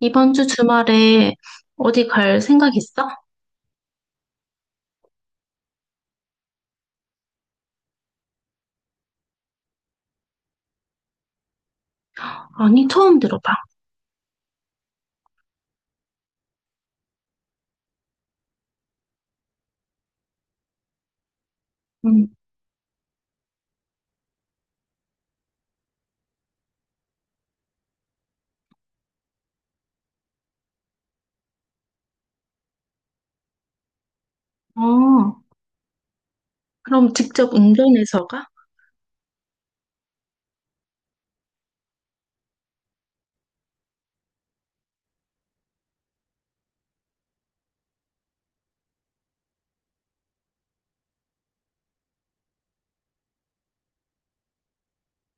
이번 주 주말에 어디 갈 생각 있어? 아니, 처음 들어봐. 음. 어, 그럼 직접 운전해서 가?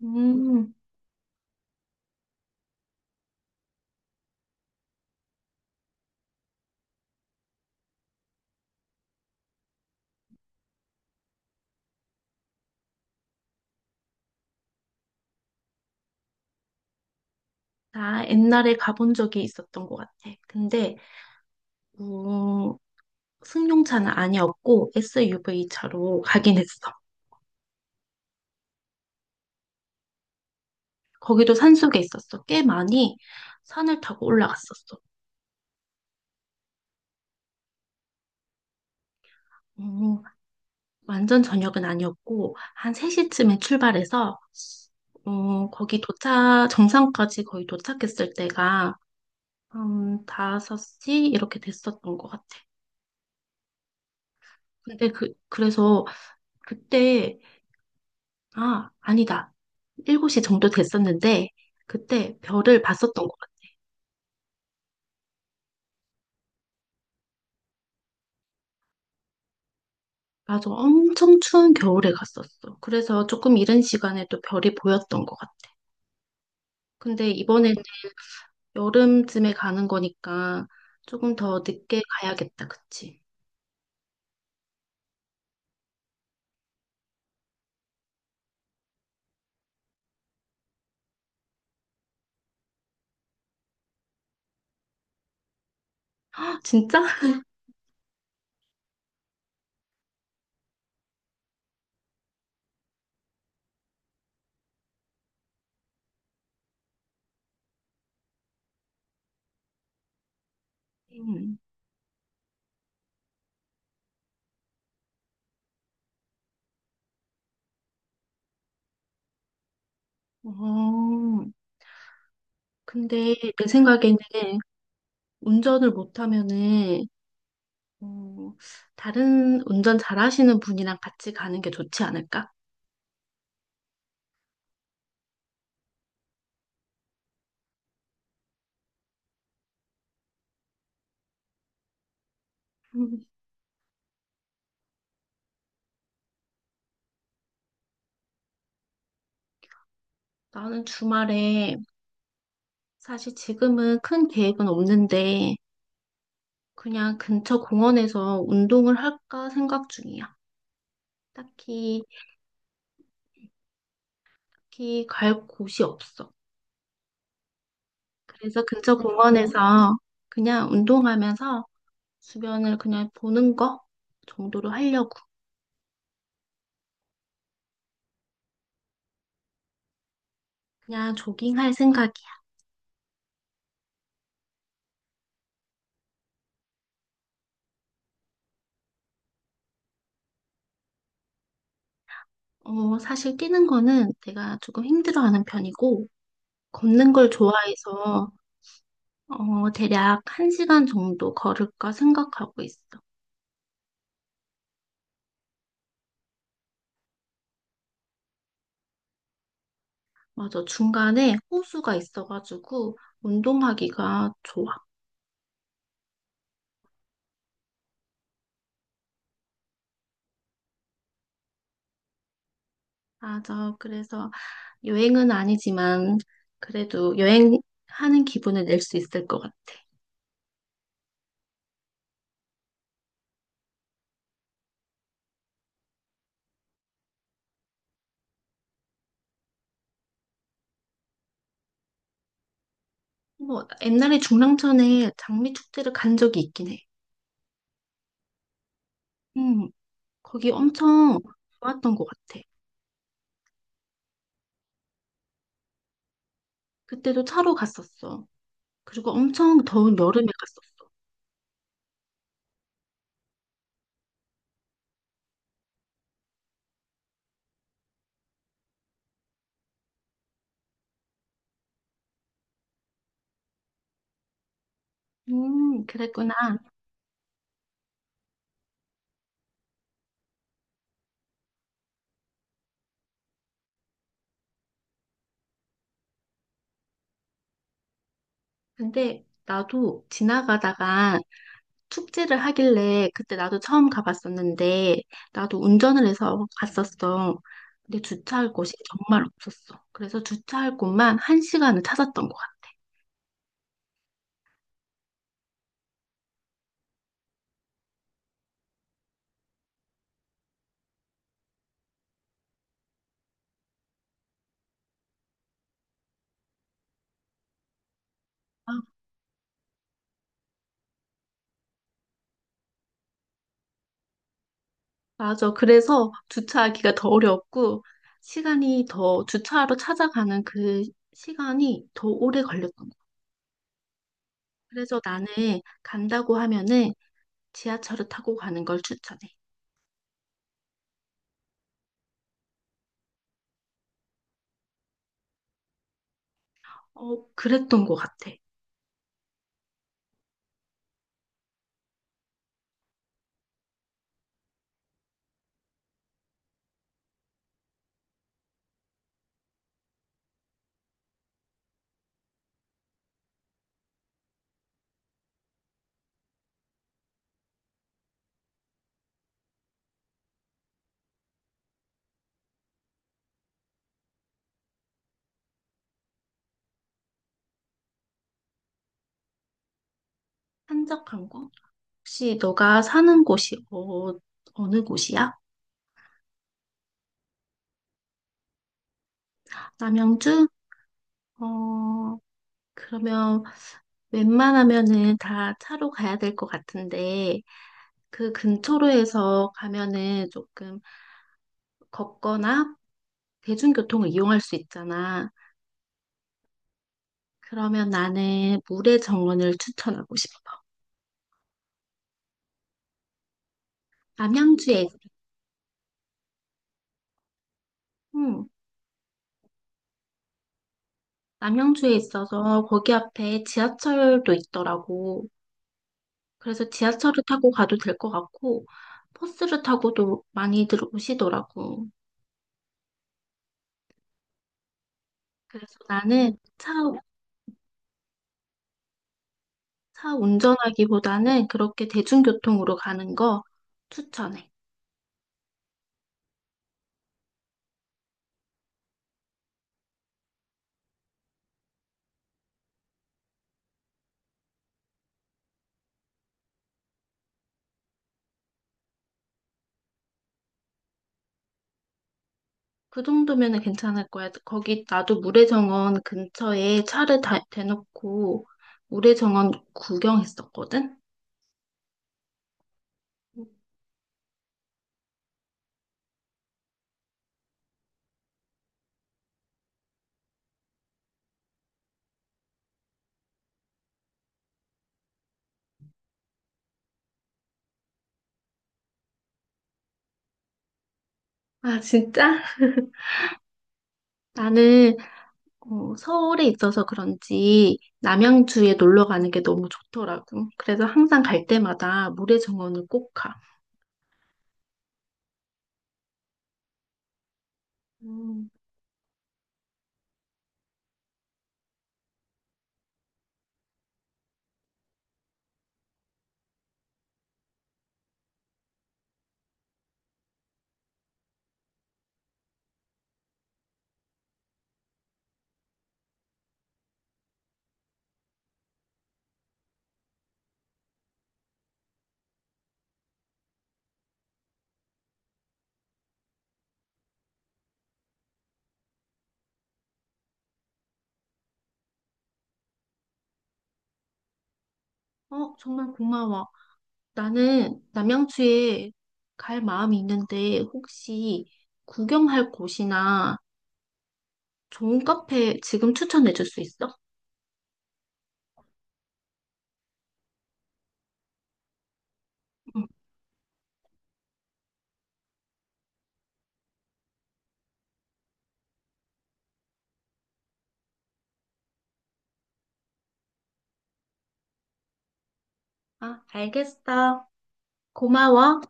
음, 나 옛날에 가본 적이 있었던 것 같아. 근데, 음, 승용차는 아니었고, SUV 차로 가긴 했어. 거기도 산속에 있었어. 꽤 많이 산을 타고 올라갔었어. 음, 완전 저녁은 아니었고, 한 3시쯤에 출발해서, 거기 도착, 정상까지 거의 도착했을 때가 한 5시 이렇게 됐었던 것 같아. 근데 그래서 그때, 아, 아니다. 7시 정도 됐었는데, 그때 별을 봤었던 것 같아. 맞아. 엄청 추운 겨울에 갔었어. 그래서 조금 이른 시간에 또 별이 보였던 것 같아. 근데 이번엔 여름쯤에 가는 거니까 조금 더 늦게 가야겠다. 그치? 아, 진짜? 음. 어, 근데 내 생각에는 운전을 못하면은 어, 다른 운전 잘하시는 분이랑 같이 가는 게 좋지 않을까? 음, 나는 주말에 사실 지금은 큰 계획은 없는데 그냥 근처 공원에서 운동을 할까 생각 중이야. 딱히, 딱히 갈 곳이 없어. 그래서 근처 공원에서 그냥 운동하면서 주변을 그냥 보는 거 정도로 하려고. 그냥 조깅할 생각이야. 어, 사실 뛰는 거는 내가 조금 힘들어하는 편이고 걷는 걸 좋아해서 대략 한 시간 정도 걸을까 생각하고 있어. 맞아. 중간에 호수가 있어가지고 운동하기가 좋아. 맞아. 그래서 여행은 아니지만 그래도 여행하는 기분을 낼 수 있을 것 같아. 뭐 옛날에 중랑천에 장미 축제를 간 적이 있긴 해. 음, 거기 엄청 좋았던 것 같아. 그때도 차로 갔었어. 그리고 엄청 더운 여름에 갔었어. 그랬구나. 근데 나도 지나가다가 축제를 하길래 그때 나도 처음 가봤었는데 나도 운전을 해서 갔었어. 근데 주차할 곳이 정말 없었어. 그래서 주차할 곳만 한 시간을 찾았던 것 같아. 아, 맞아. 그래서 주차하기가 더 어려웠고 시간이 더 주차하러 찾아가는 그 시간이 더 오래 걸렸던 것 같아. 그래서 나는 간다고 하면은 지하철을 타고 가는 걸 추천해. 어, 그랬던 것 같아. 한적한 곳? 혹시 너가 사는 곳이 어느 곳이야? 남양주? 어, 그러면 웬만하면은 다 차로 가야 될 것 같은데 그 근처로 해서 가면은 조금 걷거나 대중교통을 이용할 수 있잖아. 그러면 나는 물의 정원을 추천하고 싶어. 남양주에, 음, 남양주에 있어서 거기 앞에 지하철도 있더라고. 그래서 지하철을 타고 가도 될 것 같고, 버스를 타고도 많이들 오시더라고. 그래서 나는 차 운전하기보다는 그렇게 대중교통으로 가는 거 추천해. 그 정도면 은 괜찮을 거야. 거기 나도 모래정원 근처에 차를 대놓고 모래정원 구경했었거든? 아, 진짜? 나는 어, 서울에 있어서 그런지 남양주에 놀러 가는 게 너무 좋더라고. 그래서 항상 갈 때마다 물의 정원을 꼭 가. 음, 어, 정말 고마워. 나는 남양주에 갈 마음이 있는데 혹시 구경할 곳이나 좋은 카페 지금 추천해 줄 수 있어? 응. 아, 알겠어. 고마워.